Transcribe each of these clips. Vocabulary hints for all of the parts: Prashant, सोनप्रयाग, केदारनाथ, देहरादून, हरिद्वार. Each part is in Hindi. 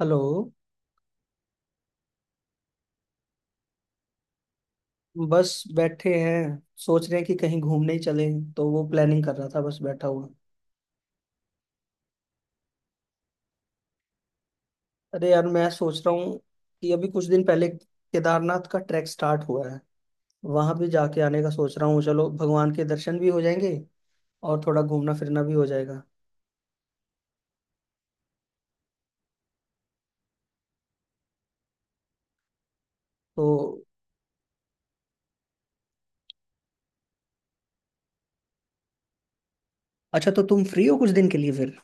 हेलो। बस बैठे हैं। सोच रहे हैं कि कहीं घूमने ही चले, तो वो प्लानिंग कर रहा था, बस बैठा हुआ। अरे यार, मैं सोच रहा हूँ कि अभी कुछ दिन पहले केदारनाथ का ट्रैक स्टार्ट हुआ है। वहां भी जाके आने का सोच रहा हूँ, चलो भगवान के दर्शन भी हो जाएंगे और थोड़ा घूमना फिरना भी हो जाएगा। तो अच्छा, तो तुम फ्री हो कुछ दिन के लिए फिर?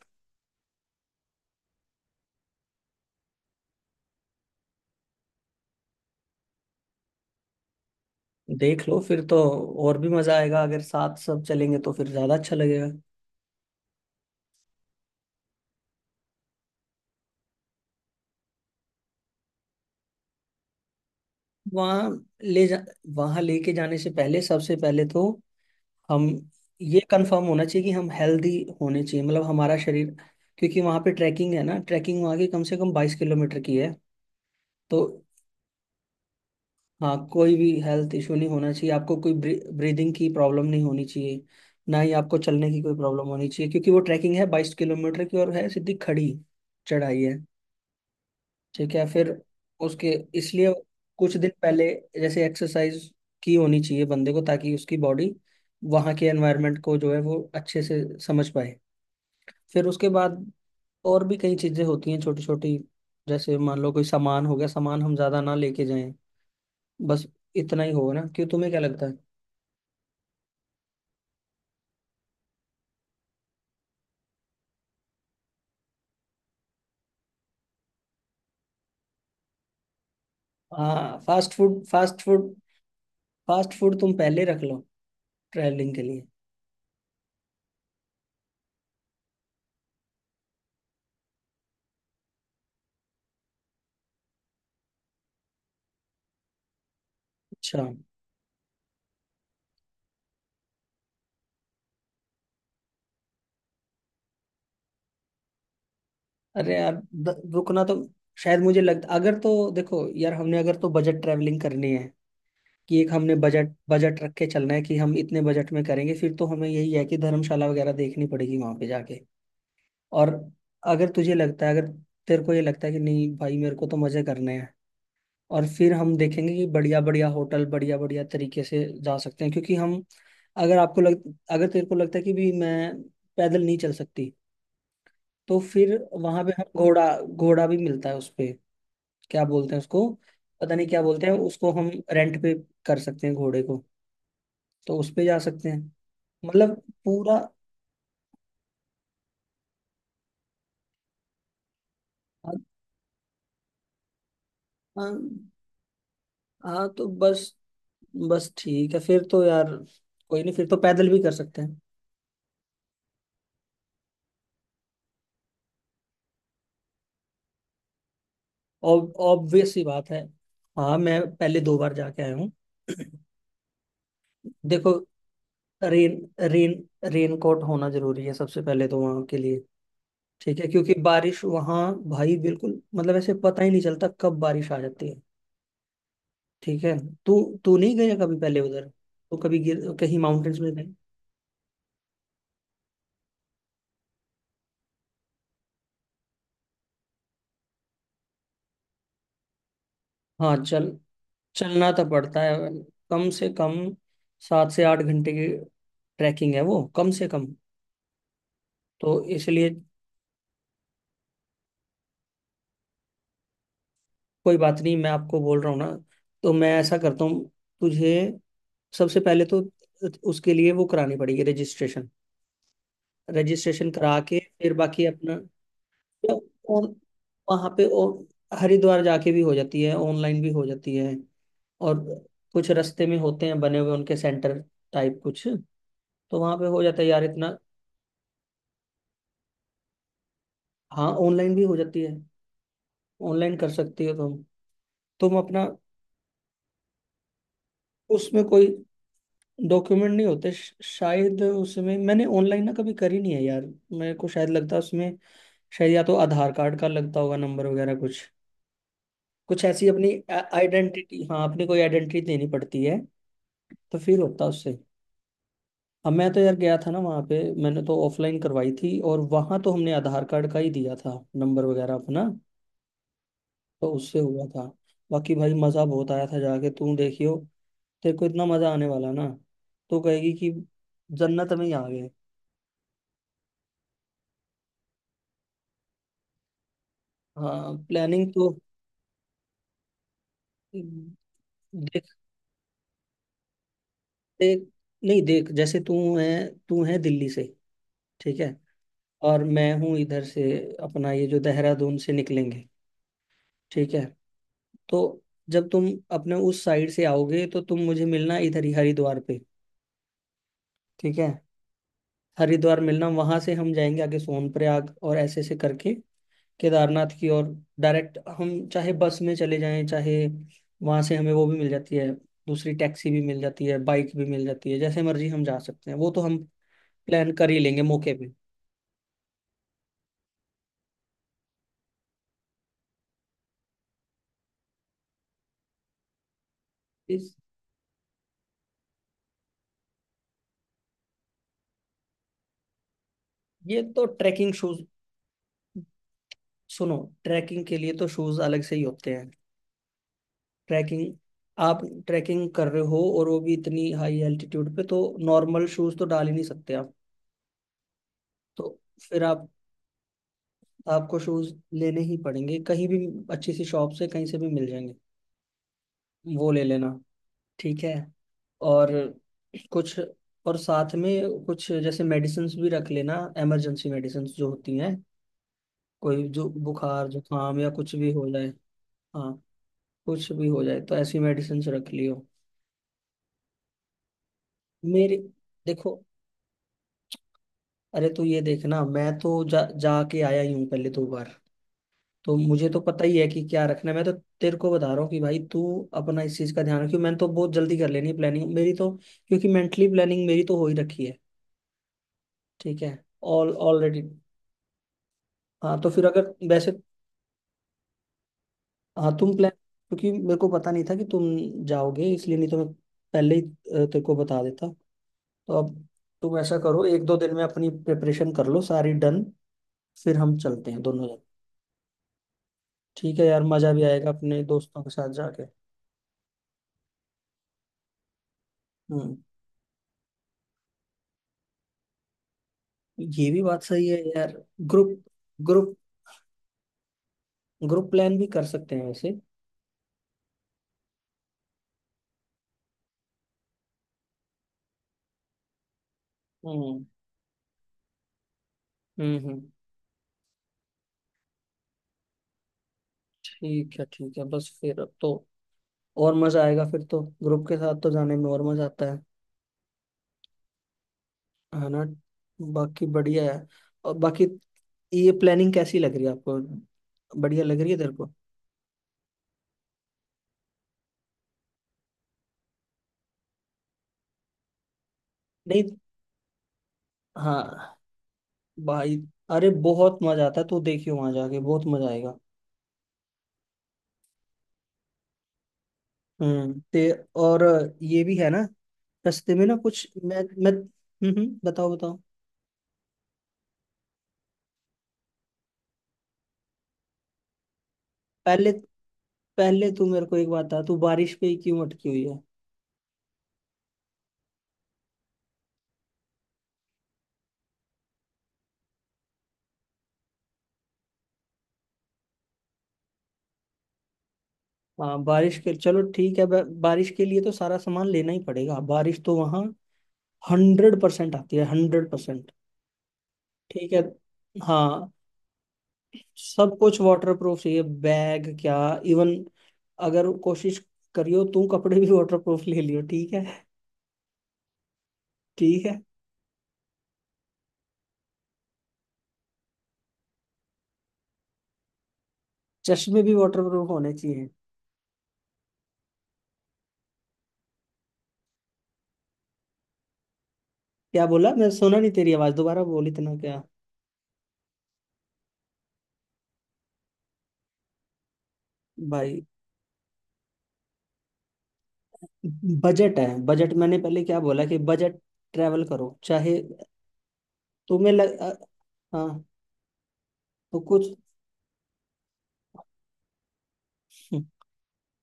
देख लो फिर तो। और भी मजा आएगा, अगर साथ सब चलेंगे तो फिर ज्यादा अच्छा लगेगा। वहाँ ले जा वहाँ लेके जाने से पहले, सबसे पहले तो हम ये कंफर्म होना चाहिए कि हम हेल्दी होने चाहिए, मतलब हमारा शरीर। क्योंकि वहाँ पे ट्रैकिंग है ना। ट्रैकिंग वहाँ की कम से कम 22 किलोमीटर की है। तो हाँ, कोई भी हेल्थ इशू नहीं होना चाहिए, आपको कोई ब्रीदिंग की प्रॉब्लम नहीं होनी चाहिए, ना ही आपको चलने की कोई प्रॉब्लम होनी चाहिए, क्योंकि वो ट्रैकिंग है 22 किलोमीटर की और है सीधी खड़ी चढ़ाई है। ठीक है फिर। उसके इसलिए कुछ दिन पहले जैसे एक्सरसाइज की होनी चाहिए बंदे को, ताकि उसकी बॉडी वहाँ के एनवायरनमेंट को जो है वो अच्छे से समझ पाए। फिर उसके बाद और भी कई चीजें होती हैं छोटी छोटी। जैसे मान लो कोई सामान हो गया, सामान हम ज्यादा ना लेके जाएं। बस इतना ही होगा ना, क्यों, तुम्हें क्या लगता है? हाँ, fast food, fast food. Fast food तुम पहले रख लो, ट्रैवलिंग के लिए। अच्छा। अरे यार, रुकना तो। शायद मुझे लगता, अगर तो देखो यार, हमने अगर तो बजट ट्रैवलिंग करनी है, कि एक हमने बजट, बजट रख के चलना है कि हम इतने बजट में करेंगे, फिर तो हमें यही है कि धर्मशाला वगैरह देखनी पड़ेगी वहां पे जाके। और अगर तेरे को ये लगता है कि नहीं भाई, मेरे को तो मजे करने हैं, और फिर हम देखेंगे कि बढ़िया बढ़िया होटल, बढ़िया बढ़िया तरीके से जा सकते हैं, क्योंकि हम, अगर आपको लग अगर तेरे को लगता है कि भी मैं पैदल नहीं चल सकती, तो फिर वहां पे हम, घोड़ा, घोड़ा भी मिलता है उस पे। क्या बोलते हैं उसको, पता नहीं क्या बोलते हैं उसको। हम रेंट पे कर सकते हैं घोड़े को, तो उस पे जा सकते हैं। मतलब पूरा। हाँ हाँ, हाँ, तो बस बस ठीक है फिर तो यार। कोई नहीं, फिर तो पैदल भी कर सकते हैं। ऑब्वियस सी बात है। हाँ, मैं पहले 2 बार जाके आया हूँ। देखो, रेन रेन रेन कोट होना जरूरी है सबसे पहले तो वहाँ के लिए। ठीक है, क्योंकि बारिश वहाँ, भाई बिल्कुल, मतलब ऐसे पता ही नहीं चलता कब बारिश आ जाती है। ठीक है। तू तू नहीं गया कभी पहले उधर? तू कभी गिर कहीं माउंटेन्स में गए? हाँ चल, चलना तो पड़ता है। कम से कम 7 से 8 घंटे की ट्रैकिंग है वो, कम से कम। तो इसलिए कोई बात नहीं, मैं आपको बोल रहा हूँ ना। तो मैं ऐसा करता हूँ, तुझे सबसे पहले तो उसके लिए वो करानी पड़ेगी, रजिस्ट्रेशन। रजिस्ट्रेशन करा के फिर बाकी अपना, और वहाँ पे और हरिद्वार जाके भी हो जाती है, ऑनलाइन भी हो जाती है। और कुछ रास्ते में होते हैं बने हुए, उनके सेंटर टाइप कुछ, तो वहाँ पे हो जाता है यार इतना। हाँ, ऑनलाइन भी हो जाती है, ऑनलाइन कर सकती हो तुम। तुम अपना उसमें कोई डॉक्यूमेंट नहीं होते, शायद। उसमें मैंने ऑनलाइन ना कभी करी नहीं है यार। मेरे को शायद लगता है उसमें, शायद या तो आधार कार्ड का लगता होगा, नंबर वगैरह कुछ। कुछ ऐसी अपनी आइडेंटिटी, हाँ, अपनी कोई आइडेंटिटी देनी पड़ती है, तो फिर होता है उससे। अब मैं तो यार गया था ना वहाँ पे, मैंने तो ऑफलाइन करवाई थी, और वहाँ तो हमने आधार कार्ड का ही दिया था, नंबर वगैरह अपना, तो उससे हुआ था। बाकी भाई, मज़ा बहुत आया था जाके। तू देखियो, तेरे को इतना मज़ा आने वाला ना, तू कहेगी कि जन्नत में ही आ गए। हाँ, प्लानिंग तो देख, देख, नहीं, देख, जैसे तू है दिल्ली से। ठीक है। और मैं हूँ इधर से, अपना ये जो देहरादून से निकलेंगे। ठीक है। तो जब तुम अपने उस साइड से आओगे, तो तुम मुझे मिलना इधर ही, हरिद्वार पे। ठीक है, हरिद्वार मिलना, वहां से हम जाएंगे आगे सोनप्रयाग और ऐसे ऐसे करके केदारनाथ की और। डायरेक्ट हम चाहे बस में चले जाएं, चाहे वहां से हमें वो भी मिल जाती है, दूसरी टैक्सी भी मिल जाती है, बाइक भी मिल जाती है, जैसे मर्जी हम जा सकते हैं, वो तो हम प्लान कर ही लेंगे मौके पे। इस ये तो ट्रैकिंग शूज। सुनो, ट्रैकिंग के लिए तो शूज अलग से ही होते हैं। ट्रैकिंग आप ट्रैकिंग कर रहे हो और वो भी इतनी हाई एल्टीट्यूड पे, तो नॉर्मल शूज तो डाल ही नहीं सकते आप। तो फिर आप आपको शूज लेने ही पड़ेंगे, कहीं भी अच्छी सी शॉप से कहीं से भी मिल जाएंगे, वो ले लेना। ठीक है। और कुछ, और साथ में कुछ जैसे मेडिसिन्स भी रख लेना, इमरजेंसी मेडिसिन्स जो होती हैं, कोई जो बुखार जुकाम या कुछ भी हो जाए। हाँ, कुछ भी हो जाए तो ऐसी मेडिसिन्स रख लियो। मेरे देखो, अरे तू ये देखना, मैं तो जा जाके आया ही हूँ पहले 2 बार, तो मुझे तो पता ही है कि क्या रखना है। मैं तो तेरे को बता रहा हूँ कि भाई तू अपना इस चीज़ का ध्यान रखियो। मैंने तो बहुत जल्दी कर लेनी है प्लानिंग मेरी तो, क्योंकि मेंटली प्लानिंग मेरी तो हो ही रखी है। ठीक है, ऑल ऑलरेडी। हाँ, तो फिर अगर वैसे, हाँ। तुम प्लान क्योंकि मेरे को पता नहीं था कि तुम जाओगे, इसलिए, नहीं तो मैं पहले ही तेरे को बता देता। तो अब तुम ऐसा करो, एक दो दिन में अपनी प्रिपरेशन कर लो सारी, डन। फिर हम चलते हैं दोनों जन। ठीक है यार, मजा भी आएगा अपने दोस्तों के साथ जाके। हम्म ये भी बात सही है यार। ग्रुप, ग्रुप, ग्रुप प्लान भी कर सकते हैं वैसे। हम्म हम्म हम्म, ठीक है, ठीक है। बस फिर अब तो और मजा आएगा फिर तो, ग्रुप के साथ तो जाने में और मजा आता है ना। बाकी बढ़िया है। और बाकी ये प्लानिंग कैसी लग रही है आपको? बढ़िया लग रही है तेरे को? नहीं, हाँ भाई, अरे बहुत मजा आता है, तो देखियो वहां जाके बहुत मजा आएगा। हम्म, ते और ये भी है ना, रास्ते में ना कुछ, मैं हम्म, बताओ बताओ। पहले, पहले तू मेरे को एक बात बता, तू बारिश पे ही क्यों अटकी हुई है? हाँ, बारिश के चलो ठीक है, बारिश के लिए तो सारा सामान लेना ही पड़ेगा, बारिश तो वहाँ 100% आती है, 100%। ठीक है, हाँ, सब कुछ वाटर प्रूफ चाहिए, बैग क्या, इवन, अगर कोशिश करियो तू, कपड़े भी वाटर प्रूफ ले लियो ठीक है। ठीक है। चश्मे भी वाटर प्रूफ होने चाहिए। क्या बोला? मैं सुना नहीं, तेरी आवाज दोबारा बोल, इतना क्या? भाई, बजट है बजट, मैंने पहले क्या बोला, कि बजट ट्रैवल करो चाहे, तुम्हें लग अ- हाँ, तो कुछ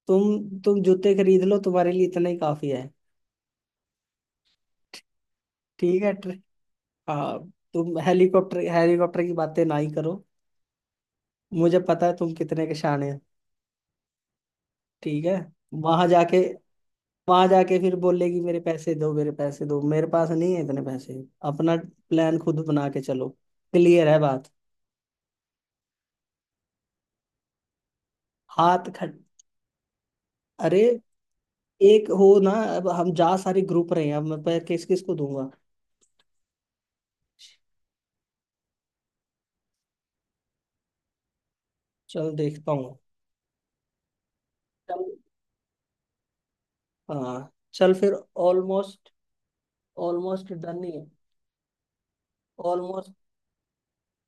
तुम जूते खरीद लो, तुम्हारे लिए इतना ही काफी है। ठीक है। हाँ, तुम हेलीकॉप्टर, हेलीकॉप्टर की बातें ना ही करो, मुझे पता है तुम कितने के शान है। ठीक है, वहां जाके, वहां जाके फिर बोलेगी: मेरे पैसे दो, मेरे पैसे दो, मेरे पास नहीं है इतने पैसे। अपना प्लान खुद बना के चलो। क्लियर है बात? हाथ खट अरे, एक हो ना, अब हम जा, सारे ग्रुप रहे हैं, अब मैं पैर किस किस को दूंगा? चल देखता हूँ। चल, हाँ चल फिर। ऑलमोस्ट, ऑलमोस्ट डन ही है। ऑलमोस्ट,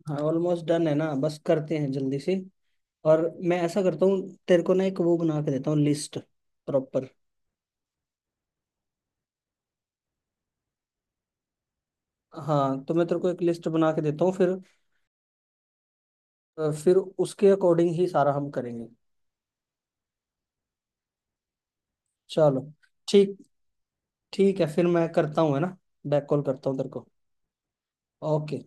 हाँ, ऑलमोस्ट डन है ना, बस करते हैं जल्दी से। और मैं ऐसा करता हूँ, तेरे को ना एक वो बना के देता हूँ, लिस्ट प्रॉपर। हाँ, तो मैं तेरे को एक लिस्ट बना के देता हूँ फिर, फिर उसके अकॉर्डिंग ही सारा हम करेंगे। चलो, ठीक ठीक है फिर, मैं करता हूँ है ना, बैक कॉल करता हूँ तेरे को। ओके।